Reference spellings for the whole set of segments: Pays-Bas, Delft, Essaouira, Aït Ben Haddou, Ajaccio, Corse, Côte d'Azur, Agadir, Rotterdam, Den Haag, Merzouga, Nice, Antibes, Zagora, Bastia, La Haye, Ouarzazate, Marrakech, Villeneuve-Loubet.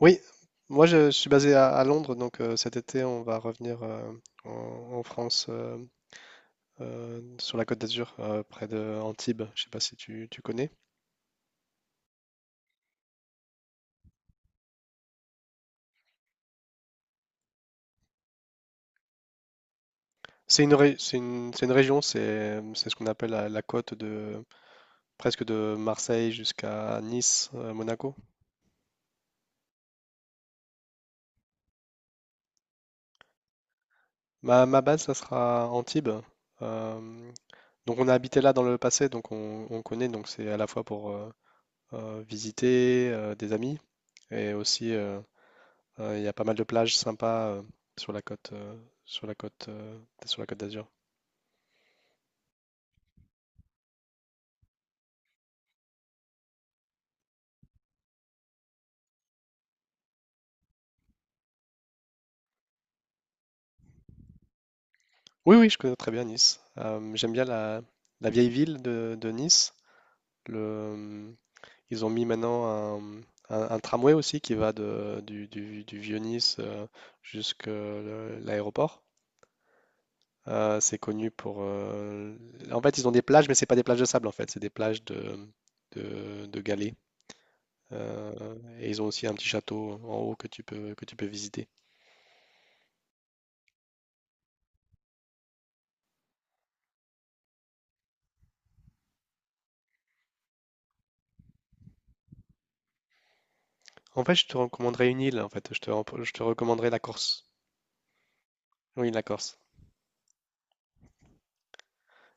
Oui, moi je suis basé à Londres, donc cet été on va revenir en France, sur la Côte d'Azur, près de Antibes. Je sais pas si tu connais. C'est une région, c'est ce qu'on appelle la côte de presque de Marseille jusqu'à Nice, Monaco. Ma base, ça sera Antibes. Euh, donc on a habité là dans le passé, donc on connaît. Donc c'est à la fois pour visiter des amis et aussi il y a pas mal de plages sympas sur la côte, euh, sur la côte, euh, sur la côte d'Azur. Oui, oui, je connais très bien Nice. J'aime bien la vieille ville de Nice. Le, euh, Ils ont mis maintenant un, un tramway aussi qui va du vieux Nice jusqu'à l'aéroport. C'est connu pour. En fait, ils ont des plages, mais c'est pas des plages de sable en fait, c'est des plages de galets. Et ils ont aussi un petit château en haut que tu peux visiter. En fait, je te recommanderais une île, en fait. Je te recommanderais la Corse. Oui, la Corse.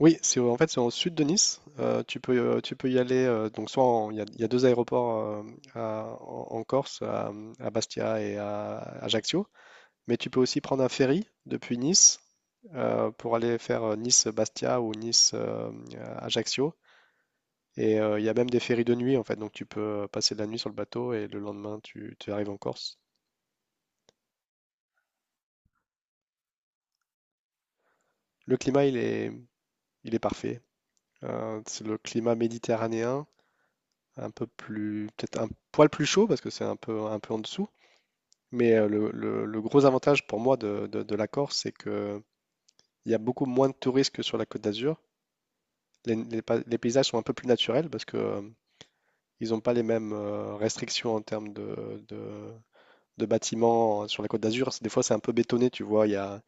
Oui, c'est au sud de Nice. Tu peux y aller. Donc soit il y a deux aéroports en Corse, à Bastia et à Ajaccio. Mais tu peux aussi prendre un ferry depuis Nice pour aller faire Nice-Bastia ou Nice-Ajaccio. Et il y a même des ferries de nuit en fait. Donc tu peux passer la nuit sur le bateau et le lendemain tu arrives en Corse. Le climat il est parfait. C'est le climat méditerranéen, un peu plus, peut-être un poil plus chaud parce que c'est un peu en dessous. Mais le gros avantage pour moi de la Corse, c'est que il y a beaucoup moins de touristes que sur la Côte d'Azur. Les paysages sont un peu plus naturels parce que ils n'ont pas les mêmes restrictions en termes de bâtiments sur la Côte d'Azur. Des fois, c'est un peu bétonné, tu vois. Il y a,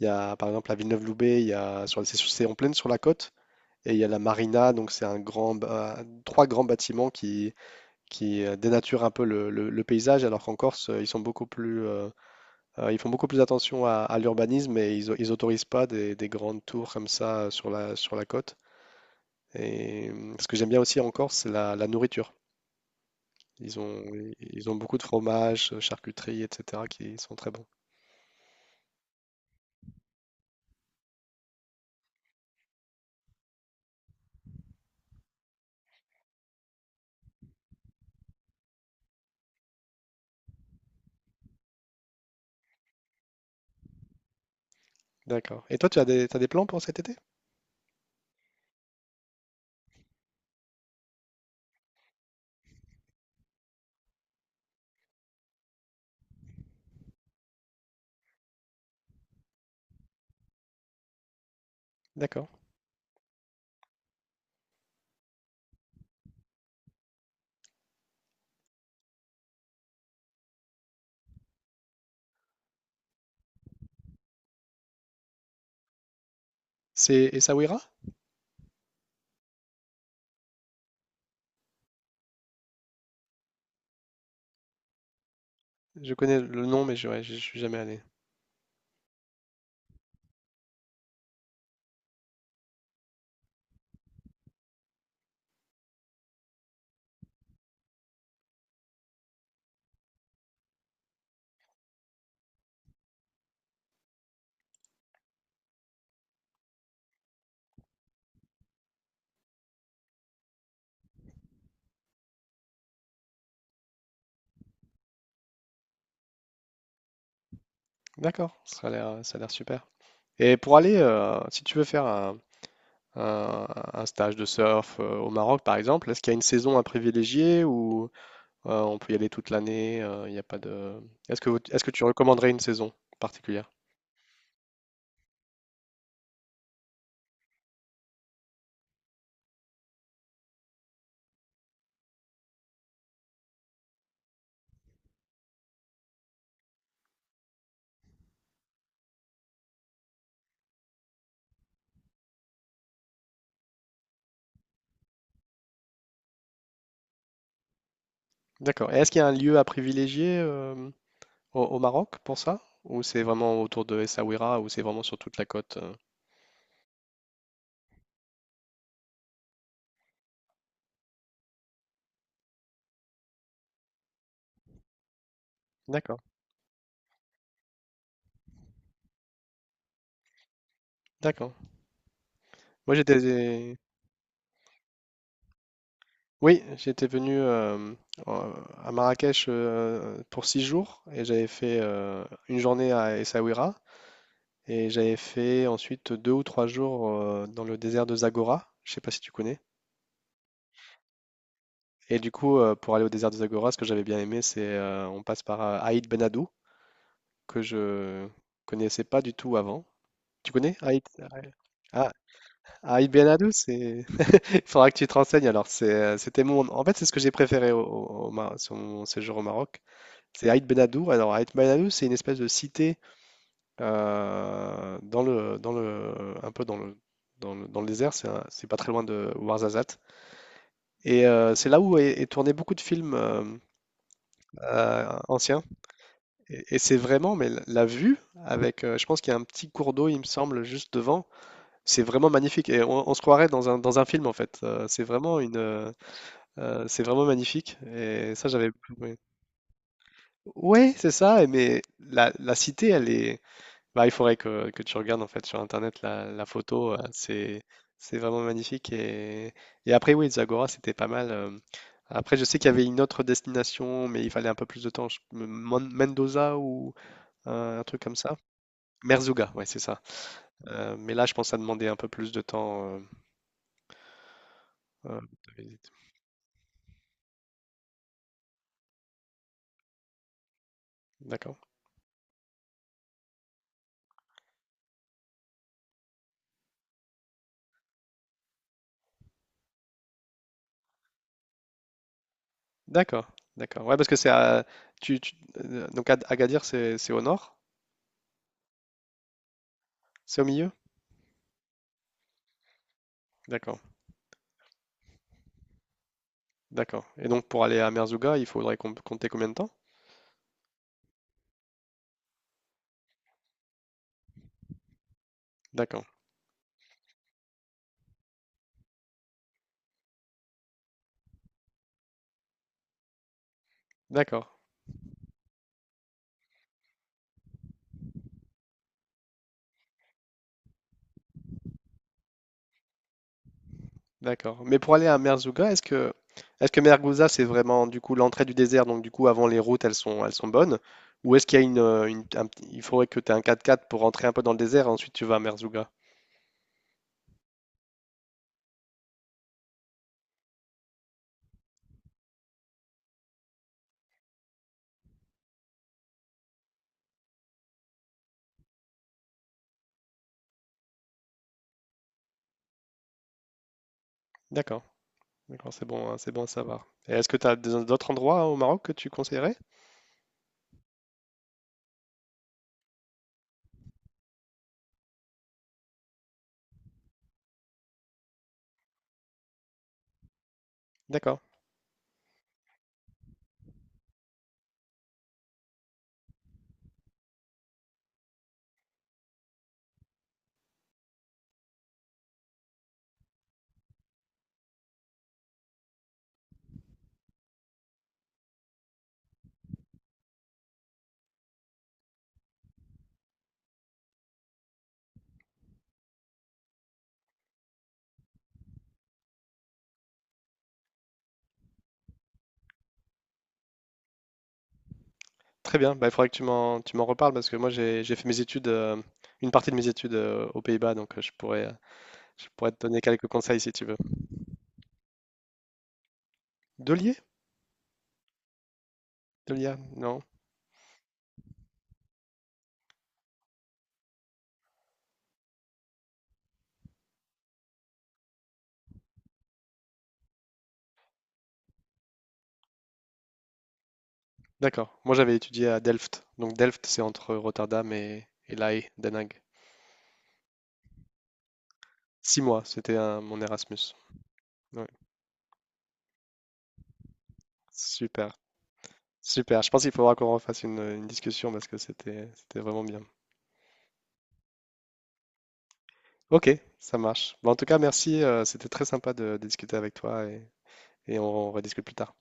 il y a par exemple à Villeneuve-Loubet, il y a c'est en pleine sur la côte et il y a la marina, donc c'est trois grands bâtiments qui dénature un peu le paysage, alors qu'en Corse, ils sont beaucoup plus, ils font beaucoup plus attention à l'urbanisme et ils autorisent pas des grandes tours comme ça sur la côte. Et ce que j'aime bien aussi en Corse, c'est la nourriture. Ils ont, ils ont beaucoup de fromages, charcuteries, etc., qui sont très bons. D'accord. Et toi, t'as des plans pour cet été? D'accord. C'est Essaouira? Je connais le nom, mais ouais, je suis jamais allé. D'accord, ça a l'air super. Et pour aller, si tu veux faire un, un stage de surf au Maroc, par exemple? Est-ce qu'il y a une saison à privilégier ou on peut y aller toute l'année? Il n'y a pas de. Est-ce que tu recommanderais une saison particulière? D'accord. Et est-ce qu'il y a un lieu à privilégier au Maroc pour ça? Ou c'est vraiment autour de Essaouira ou c'est vraiment sur toute la côte? D'accord, d'accord. Moi j'étais, oui, j'étais venu euh, à Marrakech pour 6 jours et j'avais fait une journée à Essaouira. Et j'avais fait ensuite 2 ou 3 jours dans le désert de Zagora. Je sais pas si tu connais. Et du coup, pour aller au désert de Zagora, ce que j'avais bien aimé, c'est on passe par Aït Ben Haddou, que je connaissais pas du tout avant. Tu connais Aït? Ouais. Ah, Aït Ben Haddou, c'est. Il faudra que tu te renseignes. Alors, c'était mon. En fait, c'est ce que j'ai préféré sur mon séjour au Maroc. C'est Aït Ben Haddou. Alors, Aït Ben Haddou, c'est une espèce de cité euh, dans le, dans le, un peu dans le désert, c'est pas très loin de Ouarzazate. Et c'est là où est tourné beaucoup de films anciens. Et c'est vraiment, mais la vue, avec, je pense qu'il y a un petit cours d'eau, il me semble, juste devant, c'est vraiment magnifique. Et on se croirait dans un film, en fait. C'est vraiment une. C'est vraiment magnifique. Et ça, j'avais. Oui, ouais, c'est ça. Mais la cité, elle est. Bah, il faudrait que tu regardes en fait sur internet la photo, c'est vraiment magnifique et après oui, Zagora c'était pas mal. Après je sais qu'il y avait une autre destination mais il fallait un peu plus de temps, Mendoza ou un truc comme ça. Merzouga, ouais c'est ça. Mais là je pense que ça demandait un peu plus de temps euh, de visite. D'accord, d'accord, d'accord. Ouais parce que c'est à tu, tu- donc Agadir c'est au nord? C'est au milieu. D'accord, d'accord. Et donc pour aller à Merzouga il faudrait compter combien de temps? D'accord. D'accord, d'accord. Mais pour aller à Merzouga, est-ce que Merguza c'est vraiment du coup l'entrée du désert, donc du coup avant les routes elles sont bonnes, ou est-ce qu'il y a il faudrait que tu aies un 4x4 pour rentrer un peu dans le désert, et ensuite tu vas à Merzouga. D'accord, d'accord, c'est bon, hein, c'est bon à savoir. Et est-ce que tu as d'autres endroits au Maroc que tu conseillerais? D'accord, très bien. Bah, il faudrait que tu m'en reparles parce que moi j'ai fait mes études, une partie de mes études aux Pays-Bas, donc je pourrais te donner quelques conseils si tu veux. Delier? Delia? Non. D'accord. Moi, j'avais étudié à Delft. Donc, Delft, c'est entre Rotterdam et La Haye, Den Haag. 6 mois, c'était mon Erasmus. Ouais. Super, super. Je pense qu'il faudra qu'on refasse une discussion parce que c'était vraiment bien. Ok, ça marche. Bon, en tout cas, merci. C'était très sympa de discuter avec toi et on rediscute plus tard.